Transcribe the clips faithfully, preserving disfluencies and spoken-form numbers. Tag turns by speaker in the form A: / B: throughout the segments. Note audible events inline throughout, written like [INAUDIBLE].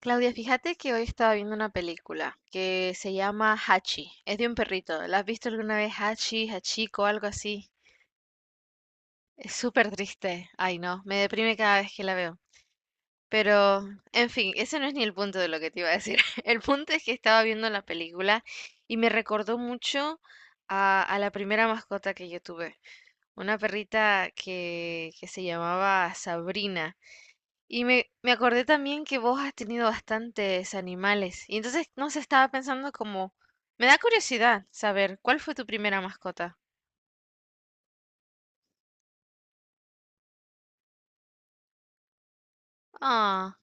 A: Claudia, fíjate que hoy estaba viendo una película que se llama Hachi. Es de un perrito. ¿La has visto alguna vez Hachi, Hachiko, algo así? Es súper triste. Ay, no, me deprime cada vez que la veo. Pero, en fin, ese no es ni el punto de lo que te iba a decir. [LAUGHS] El punto es que estaba viendo la película y me recordó mucho a, a la primera mascota que yo tuve. Una perrita que, que se llamaba Sabrina. Y me, me acordé también que vos has tenido bastantes animales. Y entonces, no sé, estaba pensando como... Me da curiosidad saber, ¿cuál fue tu primera mascota? Ah,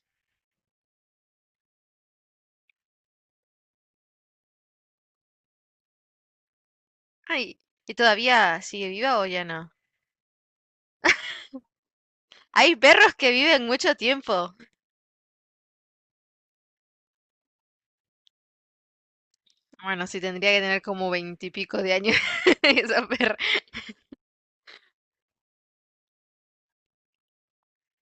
A: ay, ¿y todavía sigue viva o ya no? Hay perros que viven mucho tiempo. Bueno, sí, tendría que tener como veintipico de años [LAUGHS] esa perra.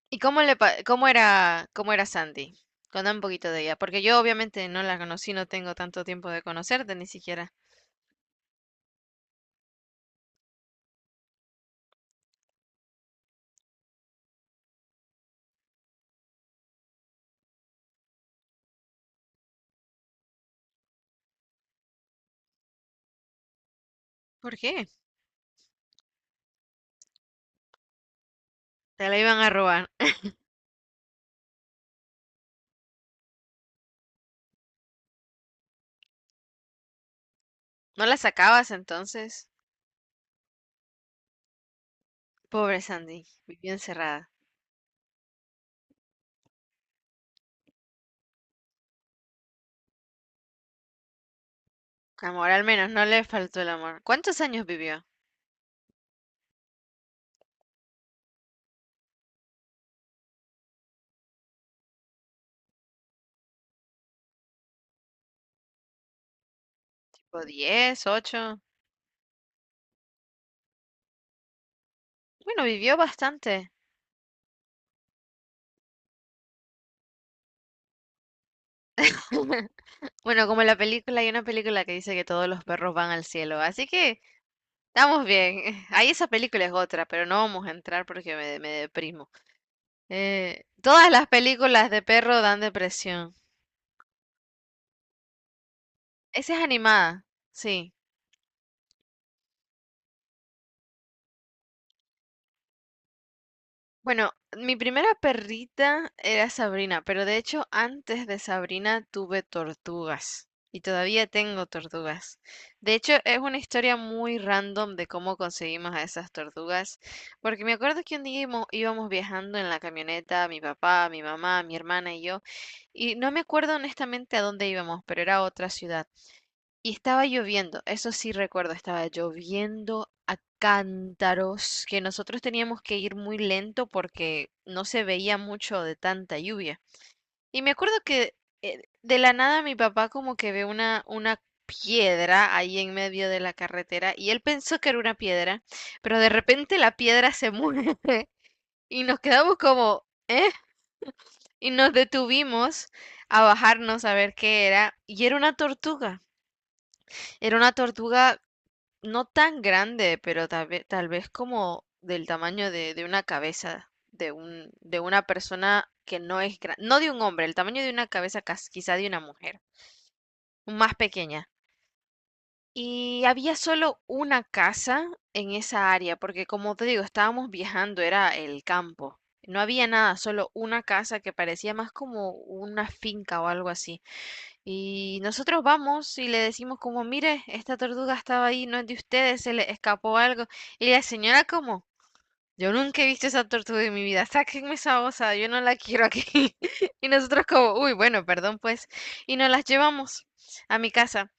A: ¿Y cómo le pa- cómo era, cómo era Sandy? Contá un poquito de ella, porque yo obviamente no la conocí, no tengo tanto tiempo de conocerte ni siquiera. ¿Por qué? Te la iban a robar. ¿No la sacabas entonces? Pobre Sandy, vivió encerrada. Amor, al menos no le faltó el amor. ¿Cuántos años vivió? ¿Tipo diez, ocho? Bueno, vivió bastante. [LAUGHS] Bueno, como en la película, hay una película que dice que todos los perros van al cielo, así que estamos bien. [LAUGHS] Ahí esa película es otra, pero no vamos a entrar porque me, me deprimo. Eh, todas las películas de perro dan depresión. Esa es animada, sí. Bueno, mi primera perrita era Sabrina, pero de hecho antes de Sabrina tuve tortugas y todavía tengo tortugas. De hecho es una historia muy random de cómo conseguimos a esas tortugas, porque me acuerdo que un día imo- íbamos viajando en la camioneta, mi papá, mi mamá, mi hermana y yo, y no me acuerdo honestamente a dónde íbamos, pero era a otra ciudad. Y estaba lloviendo, eso sí recuerdo, estaba lloviendo a cántaros, que nosotros teníamos que ir muy lento porque no se veía mucho de tanta lluvia. Y me acuerdo que eh, de la nada mi papá como que ve una, una piedra ahí en medio de la carretera y él pensó que era una piedra, pero de repente la piedra se mueve [LAUGHS] y nos quedamos como, y nos detuvimos a bajarnos a ver qué era, y era una tortuga. Era una tortuga no tan grande, pero tal vez, tal vez como del tamaño de, de una cabeza, de un, de una persona que no es grande, no de un hombre, el tamaño de una cabeza cas- quizá de una mujer, más pequeña. Y había solo una casa en esa área, porque como te digo, estábamos viajando, era el campo. No había nada, solo una casa que parecía más como una finca o algo así. Y nosotros vamos y le decimos como, mire, esta tortuga estaba ahí, no es de ustedes, se le escapó algo. Y la señora como, yo nunca he visto esa tortuga en mi vida, sáquenme esa osa, yo no la quiero aquí. [LAUGHS] Y nosotros como, uy, bueno, perdón pues. Y nos las llevamos a mi casa.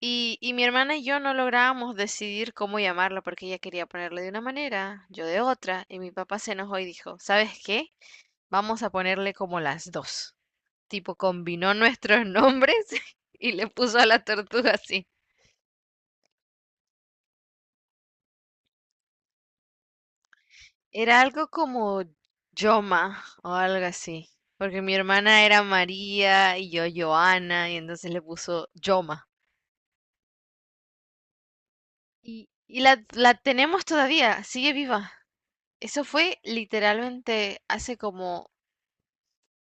A: Y, y mi hermana y yo no lográbamos decidir cómo llamarla porque ella quería ponerle de una manera, yo de otra. Y mi papá se enojó y dijo, ¿sabes qué? Vamos a ponerle como las dos, tipo combinó nuestros nombres [LAUGHS] y le puso a la tortuga así. Era algo como Yoma o algo así, porque mi hermana era María y yo Joana y entonces le puso Yoma. Y, y la, la tenemos todavía, sigue viva. Eso fue literalmente hace como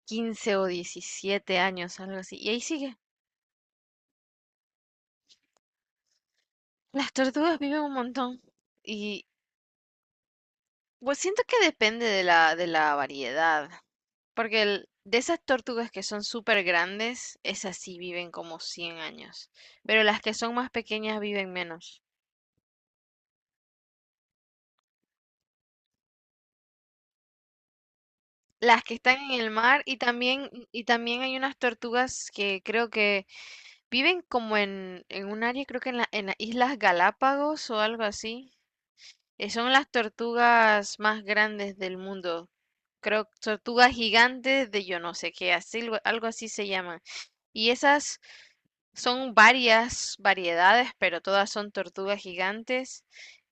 A: quince o diecisiete años, algo así. Y ahí sigue. Las tortugas viven un montón. Y pues siento que depende de la, de la variedad, porque el- de esas tortugas que son súper grandes, esas sí viven como cien años, pero las que son más pequeñas viven menos. Las que están en el mar y también, y también hay unas tortugas que creo que viven como en, en un área, creo que en la, en las Islas Galápagos o algo así. Eh, son las tortugas más grandes del mundo. Creo tortugas gigantes de yo no sé qué, así, algo así se llaman. Y esas son varias variedades, pero todas son tortugas gigantes.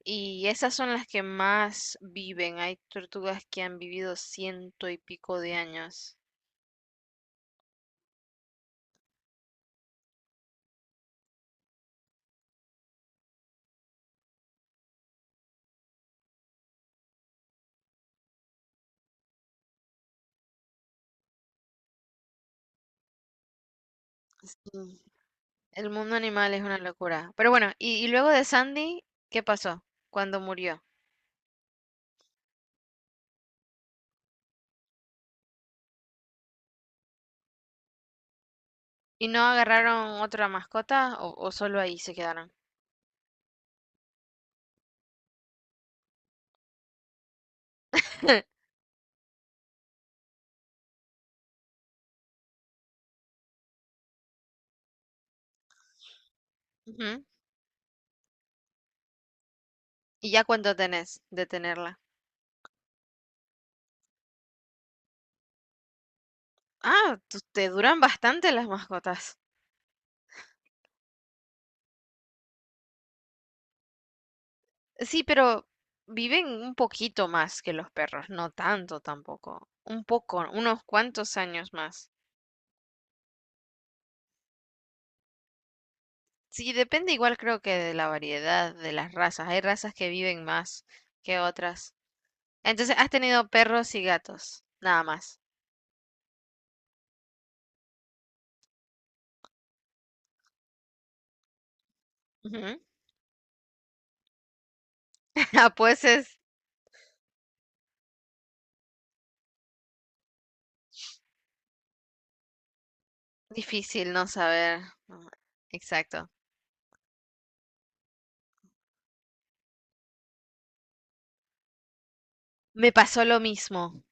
A: Y esas son las que más viven. Hay tortugas que han vivido ciento y pico de años. Sí. El mundo animal es una locura. Pero bueno, y, y luego de Sandy, ¿qué pasó cuando murió? ¿Y no agarraron otra mascota o, o solo ahí se quedaron? [LAUGHS] Ujú. ¿Y ya cuánto tenés de tenerla? Ah, tu- te duran bastante las mascotas. Sí, pero viven un poquito más que los perros, no tanto tampoco, un poco, unos cuantos años más. Sí, depende igual creo que de la variedad de las razas. Hay razas que viven más que otras. Entonces, has tenido perros y gatos, nada más. Ujú. [LAUGHS] Ah, pues es difícil no saber. ¿No? Exacto. Me pasó lo mismo,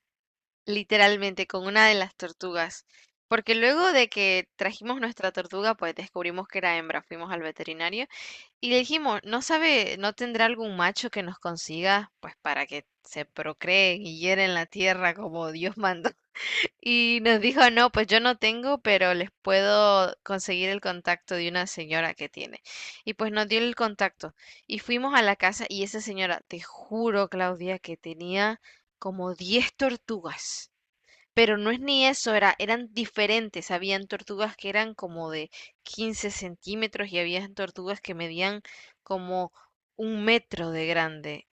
A: literalmente, con una de las tortugas. Porque luego de que trajimos nuestra tortuga, pues descubrimos que era hembra. Fuimos al veterinario y le dijimos, ¿no sabe, no tendrá algún macho que nos consiga, pues para que se procreen y hieren la tierra como Dios mandó? [LAUGHS] Y nos dijo, no, pues yo no tengo, pero les puedo conseguir el contacto de una señora que tiene. Y pues nos dio el contacto. Y fuimos a la casa y esa señora, te juro, Claudia, que tenía como diez tortugas. Pero no es ni eso, era, eran diferentes. Habían tortugas que eran como de 15 centímetros y había tortugas que medían como un metro de grande.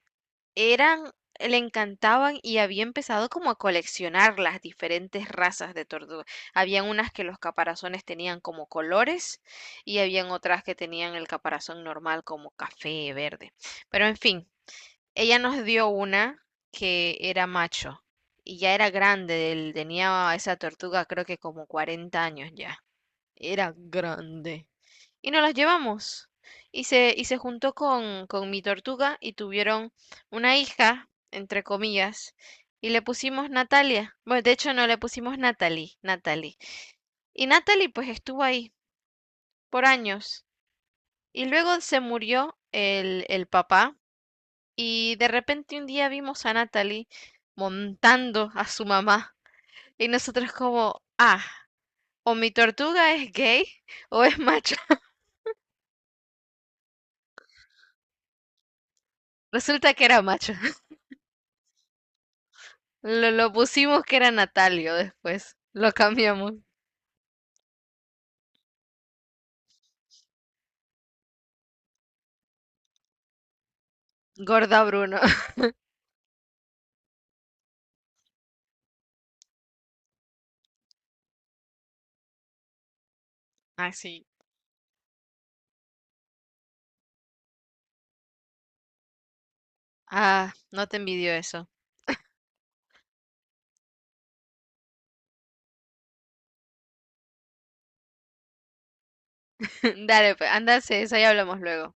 A: Eran, le encantaban y había empezado como a coleccionar las diferentes razas de tortugas. Habían unas que los caparazones tenían como colores y habían otras que tenían el caparazón normal como café, verde. Pero en fin, ella nos dio una que era macho y ya era grande, él tenía esa tortuga creo que como cuarenta años ya, era grande. Y nos las llevamos y se, y se juntó con, con mi tortuga y tuvieron una hija, entre comillas, y le pusimos Natalia. Bueno, de hecho no le pusimos Natalie, Natalie. Y Natalie pues estuvo ahí por años y luego se murió el, el papá. Y de repente un día vimos a Natalie montando a su mamá. Y nosotros como, ah, o mi tortuga es gay o es macho. [LAUGHS] Resulta que era macho. Lo, lo pusimos que era Natalio después. Lo cambiamos. Gorda Bruno. Ah, sí. Ah, no te envidio eso. [LAUGHS] Dale, pues, ándase, eso ya hablamos luego.